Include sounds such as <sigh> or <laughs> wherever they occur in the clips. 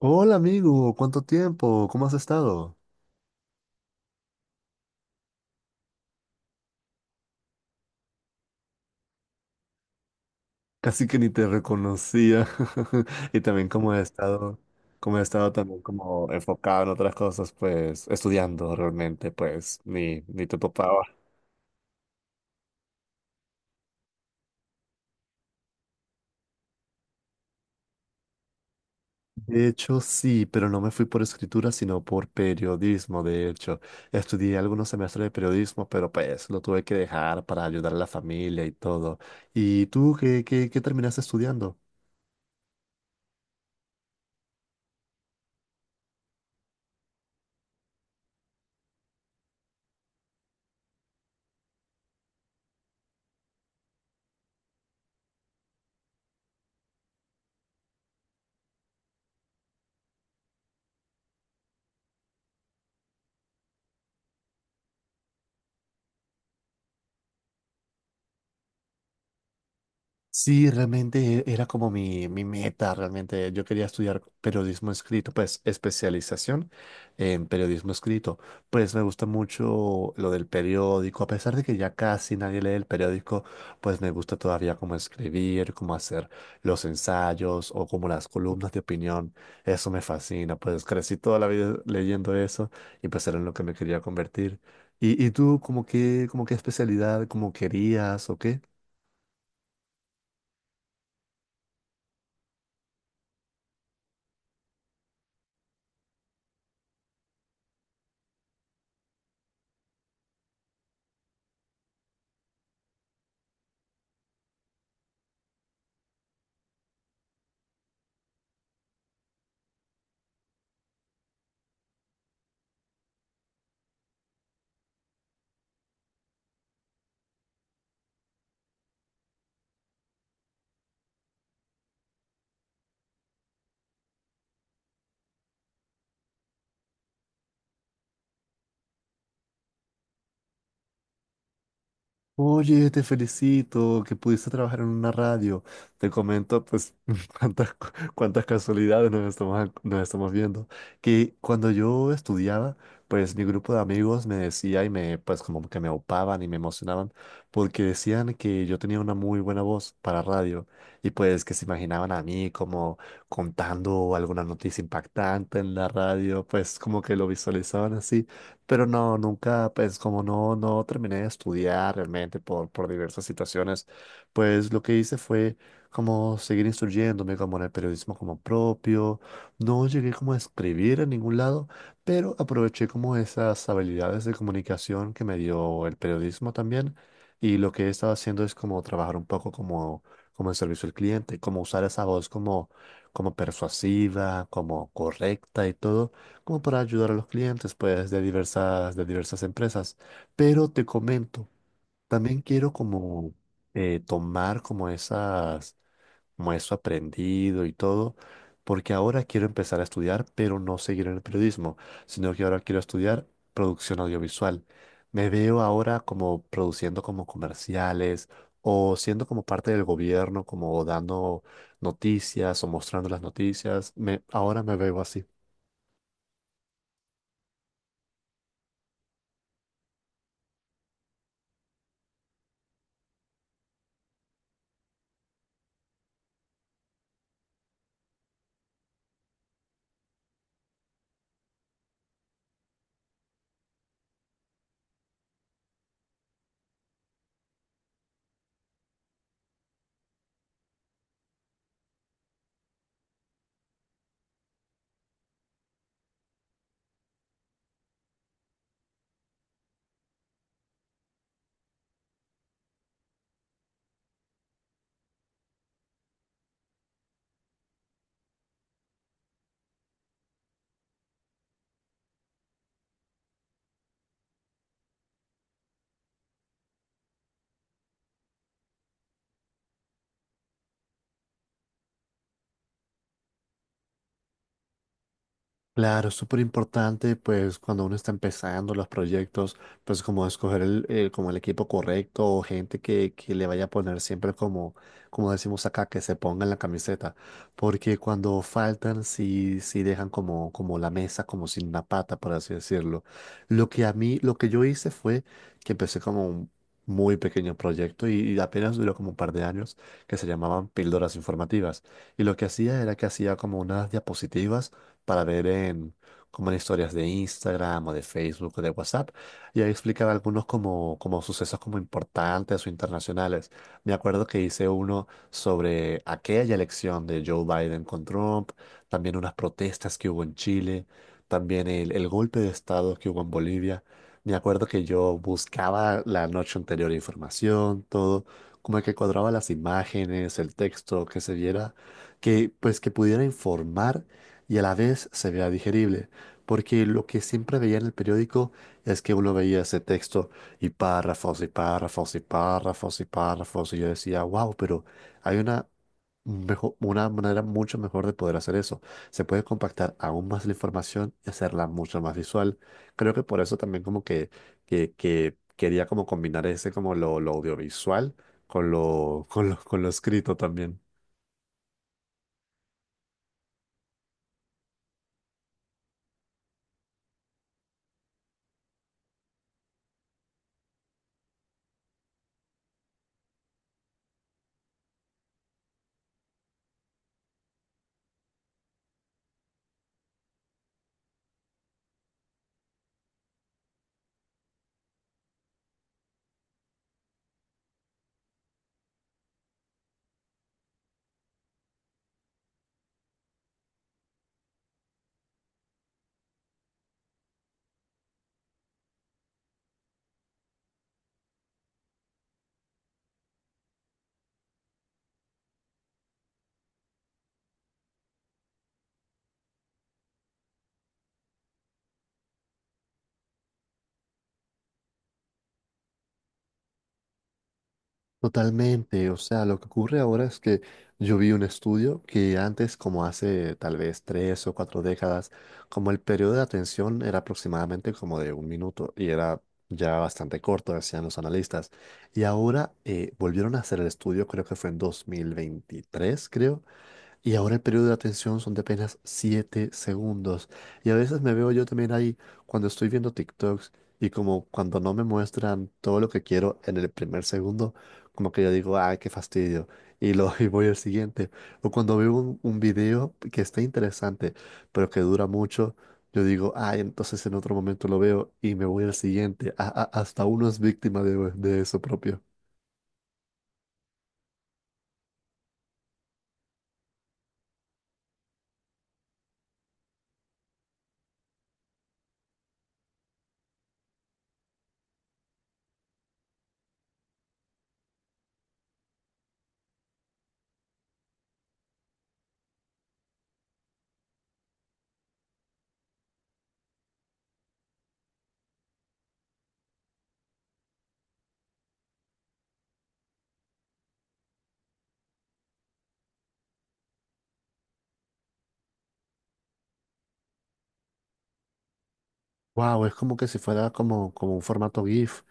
Hola amigo, ¿cuánto tiempo? ¿Cómo has estado? Casi que ni te reconocía. <laughs> Y también cómo he estado también como enfocado en otras cosas, pues estudiando realmente, pues ni te topaba. De hecho, sí, pero no me fui por escritura, sino por periodismo, de hecho. Estudié algunos semestres de periodismo, pero pues lo tuve que dejar para ayudar a la familia y todo. ¿Y tú qué terminaste estudiando? Sí, realmente era como mi meta, realmente yo quería estudiar periodismo escrito, pues especialización en periodismo escrito. Pues me gusta mucho lo del periódico, a pesar de que ya casi nadie lee el periódico, pues me gusta todavía como escribir, como hacer los ensayos o como las columnas de opinión. Eso me fascina, pues crecí toda la vida leyendo eso y pues era en lo que me quería convertir. Y tú, como que, como qué especialidad, como querías o qué? Oye, te felicito que pudiste trabajar en una radio. Te comento, pues, <laughs> cuántas, cuántas casualidades nos estamos viendo. Que cuando yo estudiaba, pues mi grupo de amigos me decía y me, pues, como que me opaban y me emocionaban porque decían que yo tenía una muy buena voz para radio y pues que se imaginaban a mí como contando alguna noticia impactante en la radio, pues como que lo visualizaban así. Pero no, nunca, pues como no, no terminé de estudiar realmente por diversas situaciones, pues lo que hice fue como seguir instruyéndome como en el periodismo como propio. No llegué como a escribir en ningún lado, pero aproveché como esas habilidades de comunicación que me dio el periodismo también. Y lo que he estado haciendo es como trabajar un poco como, como en servicio al cliente, como usar esa voz como, como persuasiva, como correcta y todo como para ayudar a los clientes, pues, de diversas empresas. Pero te comento, también quiero como tomar como esas, como eso aprendido y todo, porque ahora quiero empezar a estudiar, pero no seguir en el periodismo, sino que ahora quiero estudiar producción audiovisual. Me veo ahora como produciendo como comerciales o siendo como parte del gobierno, como dando noticias o mostrando las noticias. Me, ahora me veo así. Claro, es súper importante, pues cuando uno está empezando los proyectos, pues como escoger el- como el equipo correcto o gente que le vaya a poner siempre como, como decimos acá, que se ponga en la camiseta, porque cuando faltan, sí, sí dejan como, como la mesa, como sin una pata, por así decirlo. Lo que a mí, lo que yo hice fue que empecé como un muy pequeño proyecto y apenas duró como un par de años, que se llamaban píldoras informativas. Y lo que hacía era que hacía como unas diapositivas para ver en, como en historias de Instagram o de Facebook o de WhatsApp, y ahí explicaba algunos como, como sucesos como importantes o internacionales. Me acuerdo que hice uno sobre aquella elección de Joe Biden con Trump, también unas protestas que hubo en Chile, también el golpe de estado que hubo en Bolivia. Me acuerdo que yo buscaba la noche anterior información, todo, como que cuadraba las imágenes, el texto, que se viera, que pues que pudiera informar y a la vez se vea digerible, porque lo que siempre veía en el periódico es que uno veía ese texto y párrafos y párrafos y párrafos y párrafos y yo decía, wow, pero hay una, mejo- una manera mucho mejor de poder hacer eso. Se puede compactar aún más la información y hacerla mucho más visual. Creo que por eso también como que, que quería como combinar ese como lo audiovisual con lo, con lo, con lo escrito también. Totalmente, o sea, lo que ocurre ahora es que yo vi un estudio que antes, como hace tal vez tres o cuatro décadas, como el periodo de atención era aproximadamente como de un minuto y era ya bastante corto, decían los analistas. Y ahora volvieron a hacer el estudio, creo que fue en 2023, creo, y ahora el periodo de atención son de apenas 7 segundos. Y a veces me veo yo también ahí cuando estoy viendo TikToks y como cuando no me muestran todo lo que quiero en el primer segundo, como que yo digo, ah, qué fastidio. Y, lo, <laughs> y voy al siguiente. O cuando veo un video que está interesante, pero que dura mucho, yo digo, ay entonces en otro momento lo veo y me voy al siguiente. A- hasta uno es víctima de eso propio. Wow, es como que si fuera como, como un formato GIF.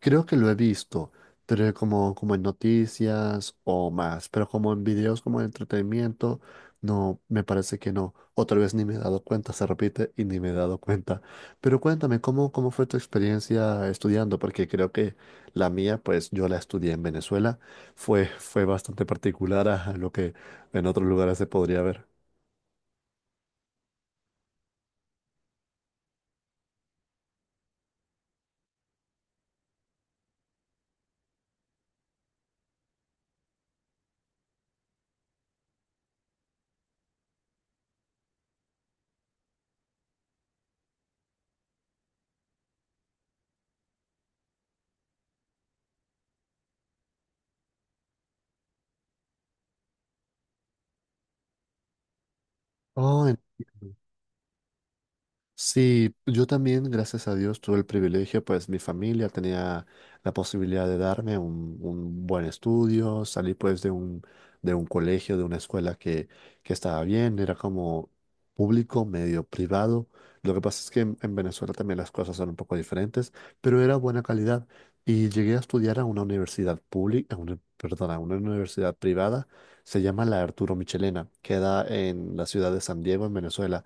Creo que lo he visto, pero es como, como en noticias o más, pero como en videos como de entretenimiento, no, me parece que no. Otra vez ni me he dado cuenta, se repite y ni me he dado cuenta. Pero cuéntame, ¿cómo, cómo fue tu experiencia estudiando? Porque creo que la mía, pues yo la estudié en Venezuela, fue, fue bastante particular a lo que en otros lugares se podría ver. Oh, entiendo. Sí, yo también, gracias a Dios, tuve el privilegio, pues mi familia tenía la posibilidad de darme un buen estudio, salí pues de un colegio, de una escuela que estaba bien, era como público, medio privado. Lo que pasa es que en Venezuela también las cosas son un poco diferentes, pero era buena calidad y llegué a estudiar a una universidad pública, a una, perdón, a una universidad privada, se llama la Arturo Michelena, queda en la ciudad de San Diego, en Venezuela.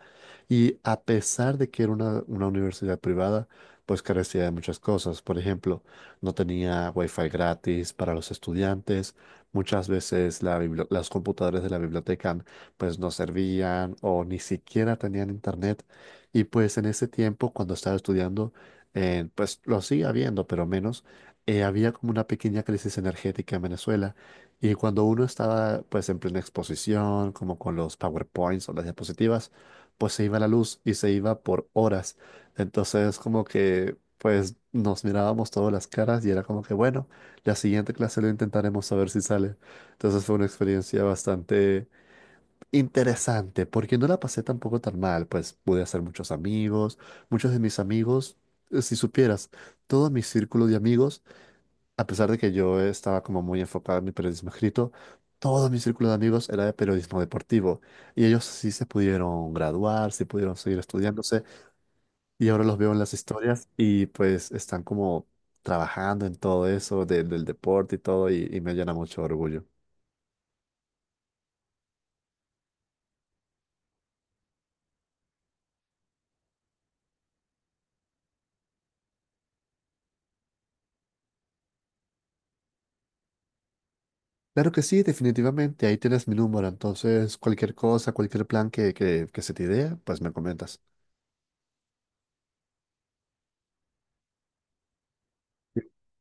Y a pesar de que era una universidad privada, pues carecía de muchas cosas. Por ejemplo, no tenía wifi gratis para los estudiantes. Muchas veces la bibli- las computadoras de la biblioteca pues no servían o ni siquiera tenían internet. Y pues en ese tiempo, cuando estaba estudiando, pues lo sigue habiendo, pero menos. Había como una pequeña crisis energética en Venezuela y cuando uno estaba pues en plena exposición, como con los PowerPoints o las diapositivas, pues se iba la luz y se iba por horas. Entonces como que pues nos mirábamos todas las caras y era como que bueno, la siguiente clase lo intentaremos a ver si sale. Entonces fue una experiencia bastante interesante porque no la pasé tampoco tan mal, pues pude hacer muchos amigos, muchos de mis amigos, si supieras, todo mi círculo de amigos a pesar de que yo estaba como muy enfocado en mi periodismo escrito, todo mi círculo de amigos era de periodismo deportivo y ellos sí se pudieron graduar, sí pudieron seguir estudiándose y ahora los veo en las historias y pues están como trabajando en todo eso de- del deporte y todo y me llena mucho de orgullo. Claro que sí, definitivamente, ahí tienes mi número, entonces cualquier cosa, cualquier plan que, que se te idea, pues me comentas.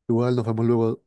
Igual nos vemos luego.